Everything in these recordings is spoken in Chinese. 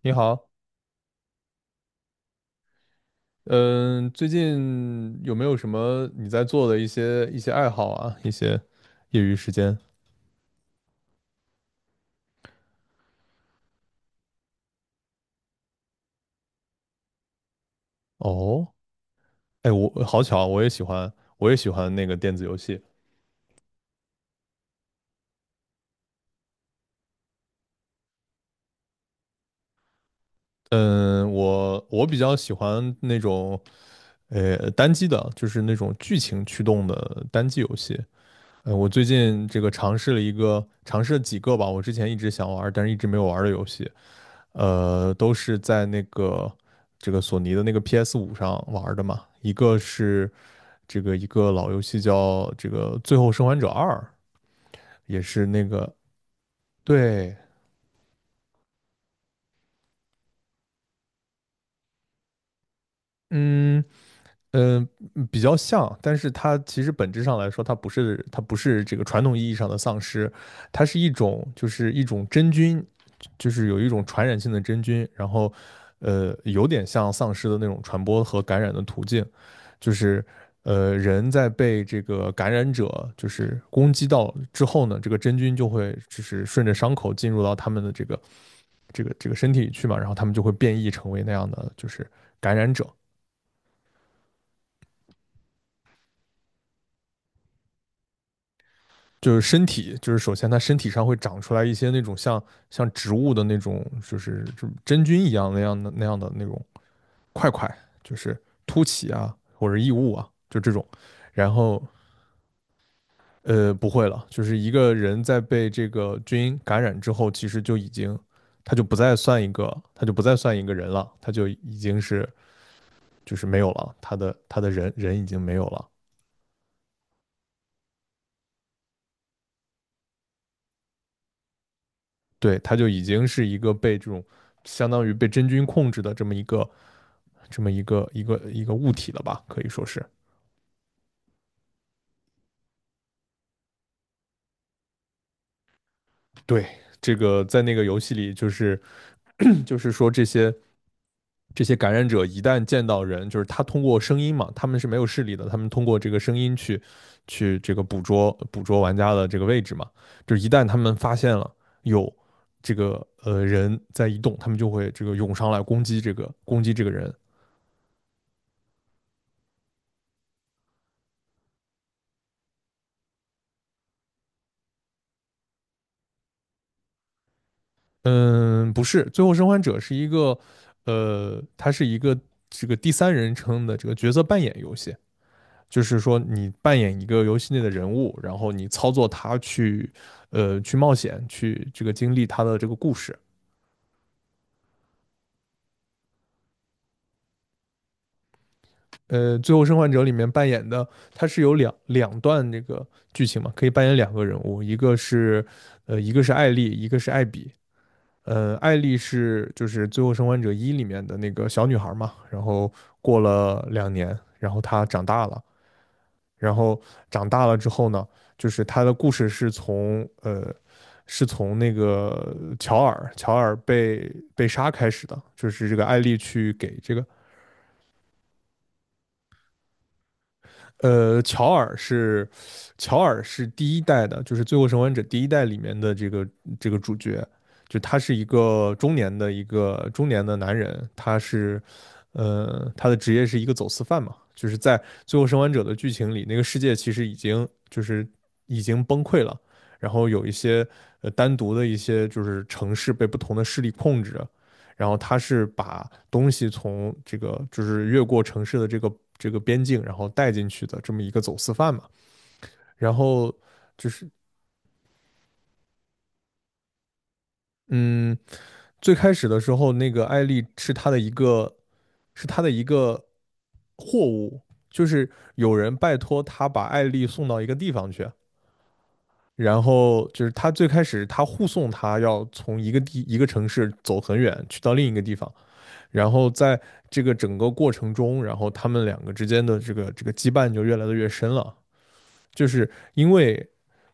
你好，嗯，最近有没有什么你在做的一些爱好啊，一些业余时间？哦，哎，我好巧，我也喜欢，那个电子游戏。嗯，我比较喜欢那种单机的，就是那种剧情驱动的单机游戏。我最近这个尝试了一个，尝试了几个吧，我之前一直想玩，但是一直没有玩的游戏。都是在那个这个索尼的那个 P S 五上玩儿的嘛。一个是这个一个老游戏叫这个《最后生还者二》，也是那个。对。嗯嗯。比较像，但是它其实本质上来说，它不是这个传统意义上的丧尸，它是一种就是一种真菌，就是有一种传染性的真菌，然后有点像丧尸的那种传播和感染的途径，就是人在被这个感染者就是攻击到之后呢，这个真菌就会就是顺着伤口进入到他们的这个身体里去嘛，然后他们就会变异成为那样的就是感染者。就是身体，就是首先它身体上会长出来一些那种像植物的那种，就是真菌一样那样的那种块块，就是凸起啊或者异物啊，就这种。然后不会了，就是一个人在被这个菌感染之后，其实就已经他就不再算一个，他就不再算一个人了，他就已经是就是没有了，他的人已经没有了，对，他就已经是一个被这种相当于被真菌控制的这么一个物体了吧，可以说是。对。这个在那个游戏里，就是说这些感染者一旦见到人，就是他通过声音嘛，他们是没有视力的，他们通过这个声音去这个捕捉玩家的这个位置嘛，就是一旦他们发现了有这个人在移动，他们就会这个涌上来攻击这个人。嗯，不是，《最后生还者》是一个呃，它是一个这个第三人称的这个角色扮演游戏，就是说你扮演一个游戏内的人物，然后你操作他去，去冒险，去这个经历他的这个故事。《最后生还者》里面扮演的，它是有两段这个剧情嘛，可以扮演2个人物，一个是艾丽，一个是艾比。艾丽是就是《最后生还者一》里面的那个小女孩嘛，然后过了2年，然后她长大了，然后长大了之后呢，就是他的故事是从那个乔尔被杀开始的，就是这个艾丽去给这个。呃，乔尔是乔尔是第一代的，就是《最后生还者》第一代里面的这个主角，就他是一个中年的男人，他的职业是一个走私犯嘛，就是在《最后生还者》的剧情里，那个世界其实已经崩溃了，然后有一些单独的一些就是城市被不同的势力控制，然后他是把东西从这个就是越过城市的这个边境，然后带进去的这么一个走私犯嘛。然后就是。嗯，最开始的时候，那个艾丽是他的一个货物，就是有人拜托他把艾丽送到一个地方去。然后就是他最开始护送从一个城市走很远去到另一个地方，然后在这个整个过程中，然后他们两个之间的这个羁绊就越来的越深了，就是因为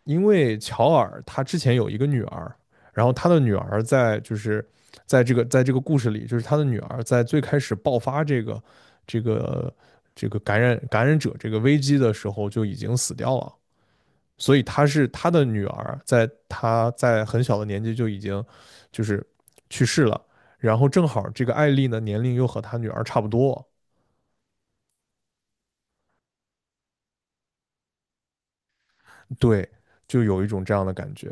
因为乔尔他之前有一个女儿，然后他的女儿在这个故事里，就是他的女儿在最开始爆发这个这个感染者这个危机的时候就已经死掉了，所以他的女儿，在他在很小的年纪就已经就是去世了，然后正好这个艾丽呢年龄又和他女儿差不多，对，就有一种这样的感觉，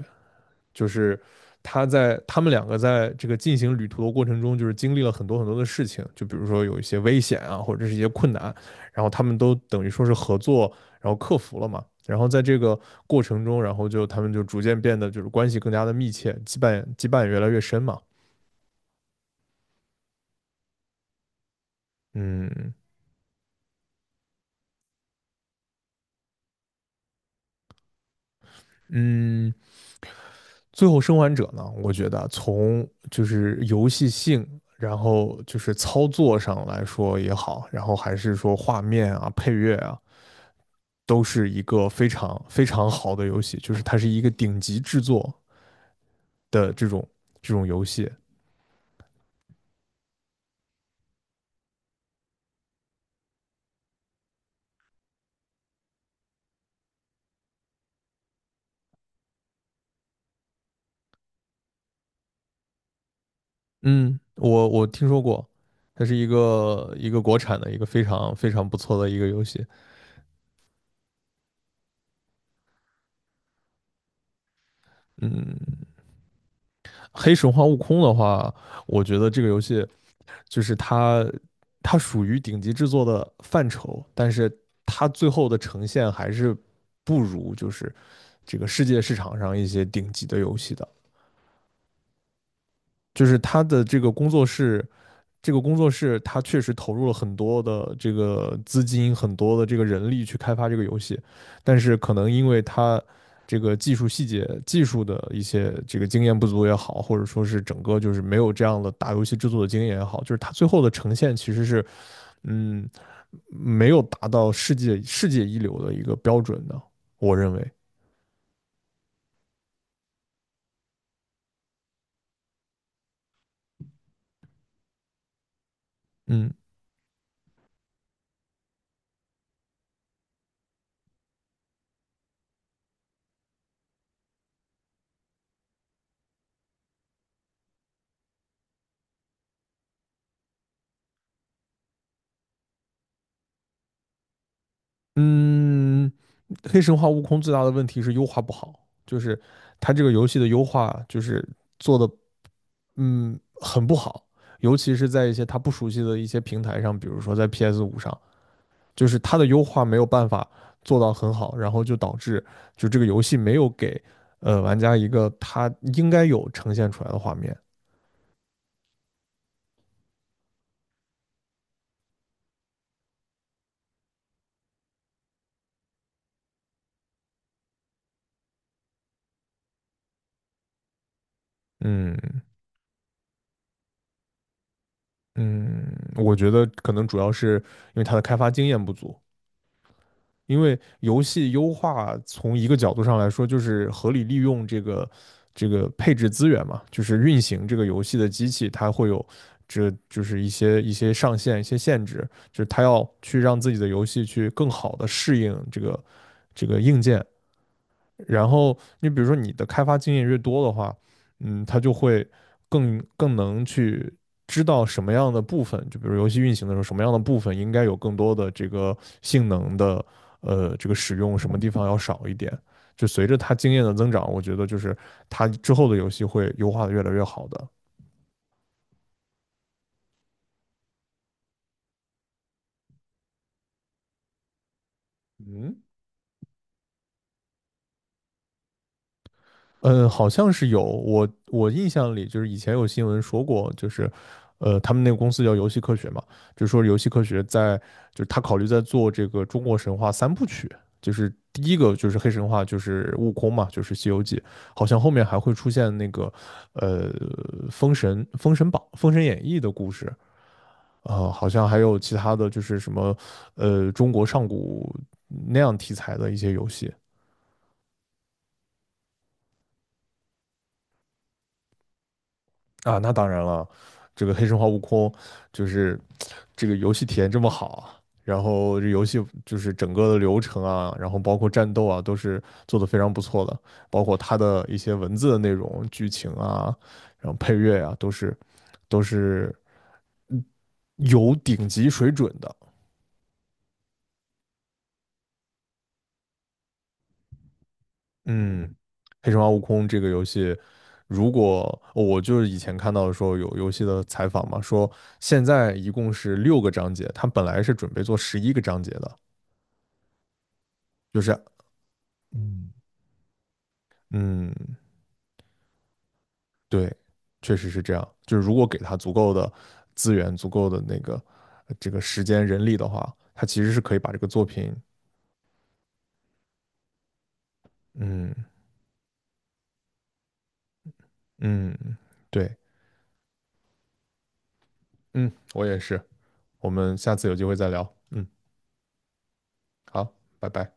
就是他们两个在这个进行旅途的过程中，就是经历了很多很多的事情，就比如说有一些危险啊，或者是一些困难，然后他们都等于说是合作，然后克服了嘛。然后在这个过程中，然后就他们就逐渐变得就是关系更加的密切，羁绊也越来越深嘛。嗯嗯，最后生还者呢，我觉得从就是游戏性，然后就是操作上来说也好，然后还是说画面啊、配乐啊，都是一个非常非常好的游戏，就是它是一个顶级制作的这种游戏。嗯，我听说过，它是一个国产的一个非常非常不错的一个游戏。嗯，黑神话：悟空的话，我觉得这个游戏就是它属于顶级制作的范畴，但是它最后的呈现还是不如就是这个世界市场上一些顶级的游戏的。就是它的这个工作室它确实投入了很多的这个资金，很多的这个人力去开发这个游戏，但是可能因为它这个技术细节、技术的一些这个经验不足也好，或者说是整个就是没有这样的大游戏制作的经验也好，就是它最后的呈现其实是嗯，没有达到世界一流的一个标准的，我认为。嗯嗯。黑神话悟空最大的问题是优化不好，就是它这个游戏的优化就是做的很不好，尤其是在一些它不熟悉的一些平台上，比如说在 PS5 五上，就是它的优化没有办法做到很好，然后就导致就这个游戏没有给玩家一个他应该有呈现出来的画面，嗯嗯，我觉得可能主要是因为它的开发经验不足。因为游戏优化从一个角度上来说，就是合理利用这个配置资源嘛，就是运行这个游戏的机器，它会有这就是一些上限、一些限制，就是它要去让自己的游戏去更好的适应这个硬件，然后你比如说你的开发经验越多的话，他就会更能去知道什么样的部分，就比如游戏运行的时候，什么样的部分应该有更多的这个性能的这个使用，什么地方要少一点。就随着他经验的增长，我觉得就是他之后的游戏会优化的越来越好的。嗯。嗯，好像是有，我印象里就是以前有新闻说过，就是，他们那个公司叫游戏科学嘛，就说游戏科学在，就是他考虑在做这个中国神话3部曲，就是第一个就是黑神话，就是悟空嘛，就是《西游记》，好像后面还会出现那个，呃，封神、封神榜、封神演义的故事，好像还有其他的就是什么，中国上古那样题材的一些游戏。啊，那当然了，这个《黑神话：悟空》就是这个游戏体验这么好，然后这游戏就是整个的流程啊，然后包括战斗啊，都是做得非常不错的，包括它的一些文字的内容、剧情啊，然后配乐啊，都是嗯有顶级水准的。嗯，《黑神话：悟空》这个游戏，如果我就是以前看到说有游戏的采访嘛，说现在一共是6个章节，它本来是准备做11个章节的。就是。嗯嗯，对，确实是这样。就是如果给他足够的资源、足够的那个这个时间、人力的话，他其实是可以把这个作品。嗯嗯，对。嗯，我也是。我们下次有机会再聊。嗯，好，拜拜。